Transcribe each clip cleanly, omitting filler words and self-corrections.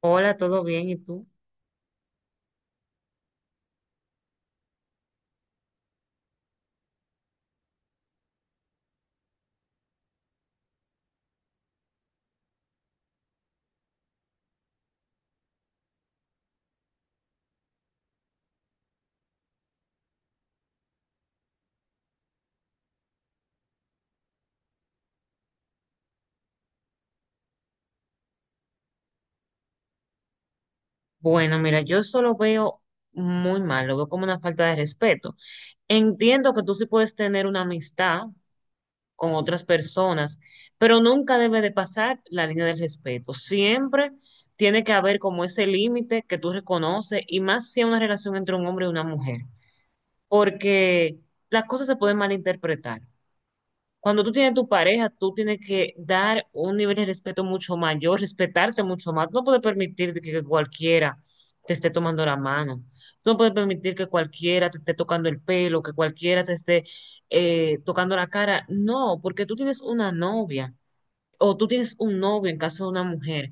Hola, ¿todo bien? ¿Y tú? Bueno, mira, yo eso lo veo muy mal, lo veo como una falta de respeto. Entiendo que tú sí puedes tener una amistad con otras personas, pero nunca debe de pasar la línea del respeto. Siempre tiene que haber como ese límite que tú reconoces y más si es una relación entre un hombre y una mujer, porque las cosas se pueden malinterpretar. Cuando tú tienes tu pareja, tú tienes que dar un nivel de respeto mucho mayor, respetarte mucho más. Tú no puedes permitir de que cualquiera te esté tomando la mano. Tú no puedes permitir que cualquiera te esté tocando el pelo, que cualquiera te esté tocando la cara. No, porque tú tienes una novia o tú tienes un novio en caso de una mujer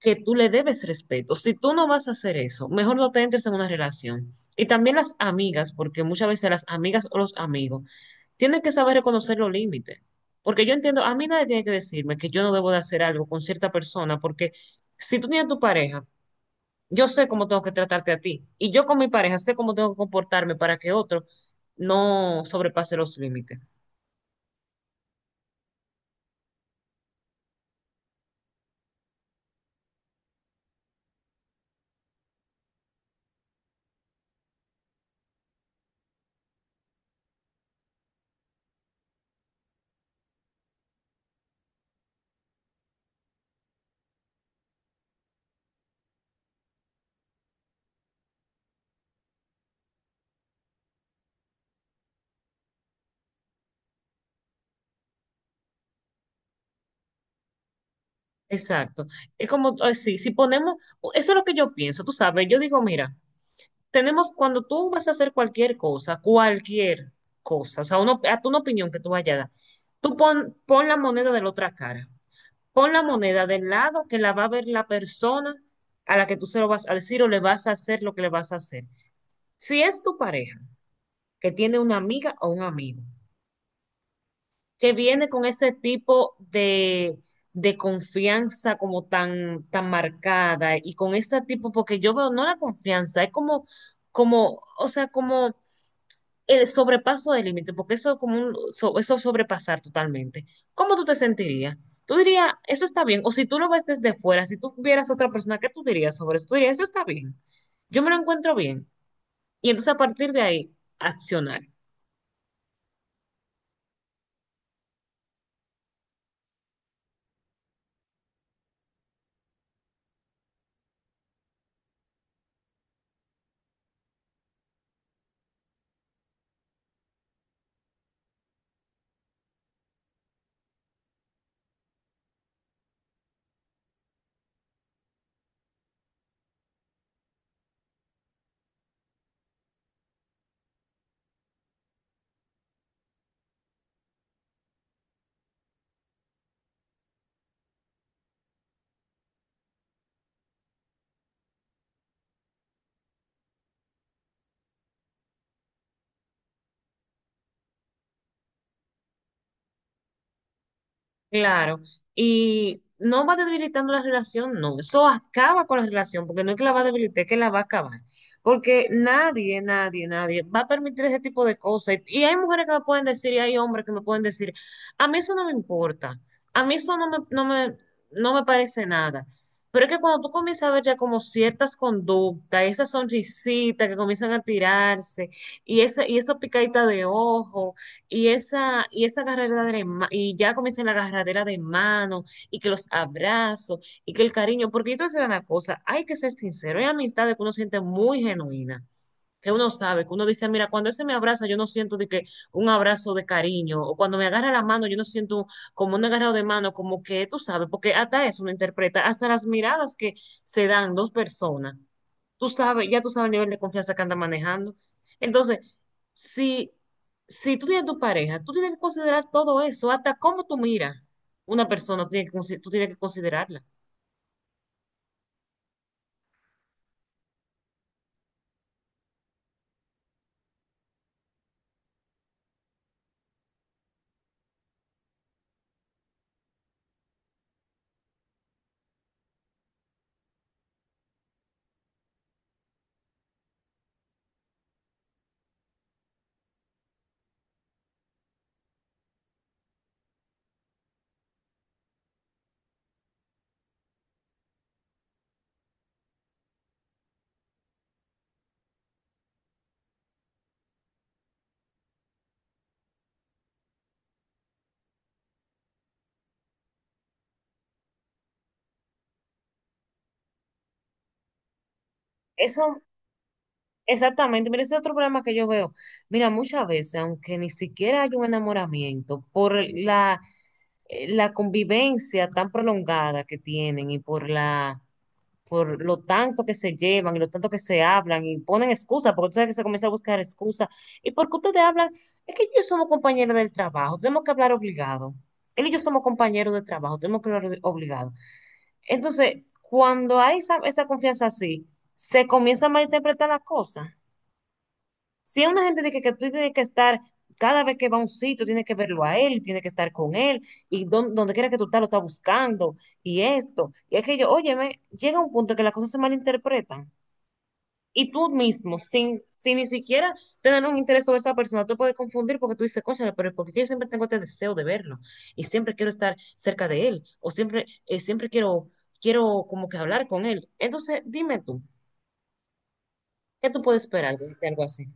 que tú le debes respeto. Si tú no vas a hacer eso, mejor no te entres en una relación. Y también las amigas, porque muchas veces las amigas o los amigos tiene que saber reconocer los límites. Porque yo entiendo, a mí nadie tiene que decirme que yo no debo de hacer algo con cierta persona, porque si tú tienes tu pareja, yo sé cómo tengo que tratarte a ti. Y yo con mi pareja sé cómo tengo que comportarme para que otro no sobrepase los límites. Exacto. Es como, sí, si ponemos, eso es lo que yo pienso, tú sabes, yo digo, mira, tenemos, cuando tú vas a hacer cualquier cosa, o sea, uno, hasta una opinión que tú vayas a dar, tú pon, pon la moneda de la otra cara. Pon la moneda del lado que la va a ver la persona a la que tú se lo vas a decir o le vas a hacer lo que le vas a hacer. Si es tu pareja que tiene una amiga o un amigo que viene con ese tipo de confianza como tan, tan marcada y con ese tipo, porque yo veo no la confianza, es como, como, o sea, como el sobrepaso del límite, porque eso es como un, eso es sobrepasar totalmente. ¿Cómo tú te sentirías? Tú dirías, eso está bien, o si tú lo ves desde fuera, si tú vieras a otra persona, ¿qué tú dirías sobre eso? Tú dirías, eso está bien, yo me lo encuentro bien. Y entonces a partir de ahí, accionar. Claro, y no va debilitando la relación, no, eso acaba con la relación, porque no es que la va a debilitar, es que la va a acabar, porque nadie, nadie, nadie va a permitir ese tipo de cosas, y hay mujeres que me pueden decir, y hay hombres que me pueden decir, a mí eso no me importa, a mí eso no me, no me parece nada, pero es que cuando tú comienzas a ver ya como ciertas conductas, esas sonrisitas que comienzan a tirarse, y esa picadita de ojo y esa carrera de la y ya comienza la carrera de mano, y que los abrazos, y que el cariño, porque yo te voy a decir una cosa, hay que ser sincero, hay amistades que uno siente muy genuina, que uno sabe, que uno dice, mira, cuando ese me abraza, yo no siento de que un abrazo de cariño, o cuando me agarra la mano, yo no siento como un agarrado de mano, como que tú sabes, porque hasta eso uno interpreta, hasta las miradas que se dan dos personas, tú sabes, ya tú sabes el nivel de confianza que anda manejando. Entonces, si, si tú tienes tu pareja, tú tienes que considerar todo eso, hasta cómo tú miras una persona, tú tienes que, tú tienes que considerarla. Eso, exactamente, mira, ese es otro problema que yo veo. Mira, muchas veces, aunque ni siquiera hay un enamoramiento, por la, la convivencia tan prolongada que tienen y por la por lo tanto que se llevan y lo tanto que se hablan y ponen excusas, porque tú sabes que se comienza a buscar excusas. ¿Y por porque ustedes hablan? Es que ellos somos compañeros del trabajo, tenemos que hablar obligado. Él y yo somos compañeros de trabajo, tenemos que hablar obligado. Entonces, cuando hay esa, esa confianza así, se comienza a malinterpretar las cosas. Si es una gente de que tú tienes que estar, cada vez que va a un sitio, tienes que verlo a él, tienes que estar con él, y donde quiera que tú estás, lo estás buscando, y esto, y aquello, óyeme, llega un punto que las cosas se malinterpretan, y tú mismo, sin, sin ni siquiera tener un interés sobre esa persona, tú puedes confundir porque tú dices, cónchale, pero porque yo siempre tengo este deseo de verlo, y siempre quiero estar cerca de él, o siempre, siempre quiero, quiero como que hablar con él. Entonces, dime tú, ¿qué tú puedes esperar de algo así?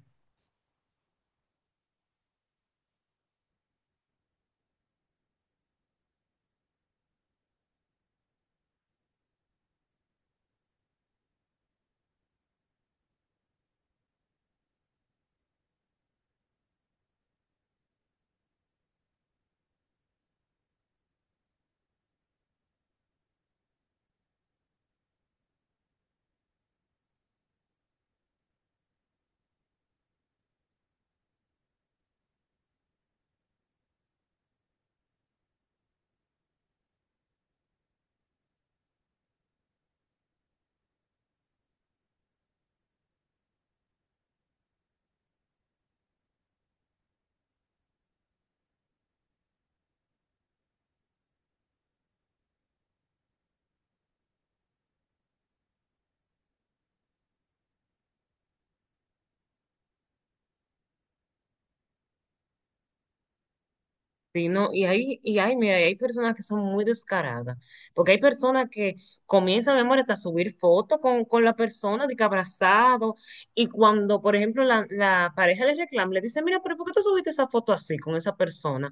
Sí, no, y hay, mira, y hay personas que son muy descaradas, porque hay personas que comienzan, mi amor, hasta a subir fotos con la persona, de que abrazado, y cuando, por ejemplo, la pareja le reclama, le dice, mira, pero ¿por qué tú subiste esa foto así con esa persona?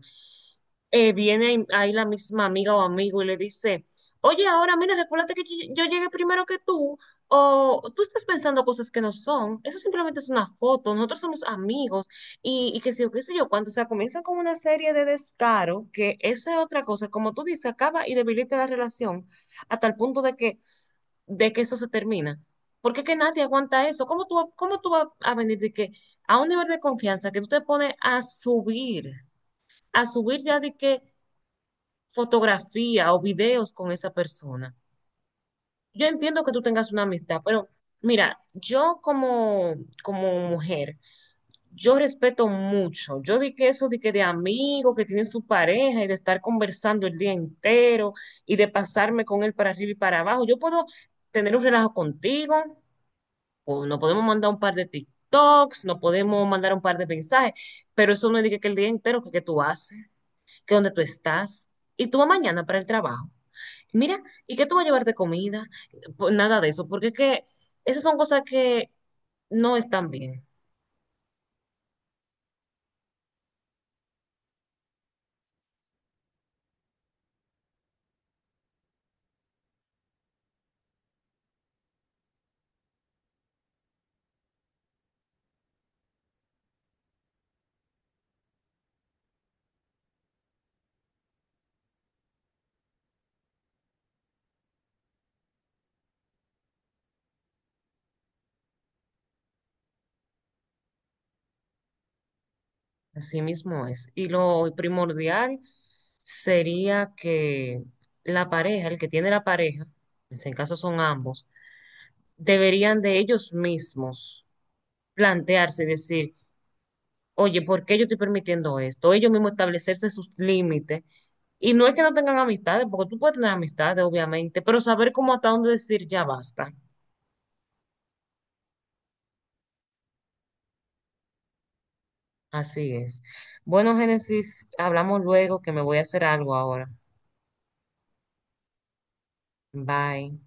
Viene ahí la misma amiga o amigo y le dice, oye, ahora mira, recuérdate que yo llegué primero que tú, o tú estás pensando cosas que no son, eso simplemente es una foto, nosotros somos amigos, y que sé yo, qué sé yo, cuando, o sea, comienzan con una serie de descaro, que esa es otra cosa, como tú dices, acaba y debilita la relación hasta el punto de que eso se termina. Porque es que nadie aguanta eso. ¿Cómo tú, cómo tú vas a venir de que a un nivel de confianza que tú te pones a subir ya de que fotografía o videos con esa persona. Yo entiendo que tú tengas una amistad, pero mira, yo como, como mujer, yo respeto mucho. Yo di que eso di que de amigo, que tiene su pareja y de estar conversando el día entero y de pasarme con él para arriba y para abajo, yo puedo tener un relajo contigo, o no podemos mandar un par de TikToks, no podemos mandar un par de mensajes, pero eso no es de que el día entero que tú haces, que dónde tú estás y tú vas mañana para el trabajo. Mira, ¿y qué tú vas a llevar de comida? Pues nada de eso, porque es que esas son cosas que no están bien. Así mismo es. Y lo primordial sería que la pareja, el que tiene la pareja, en este caso son ambos, deberían de ellos mismos plantearse y decir, oye, ¿por qué yo estoy permitiendo esto? Ellos mismos establecerse sus límites. Y no es que no tengan amistades, porque tú puedes tener amistades, obviamente, pero saber cómo hasta dónde decir ya basta. Así es. Bueno, Génesis, hablamos luego que me voy a hacer algo ahora. Bye.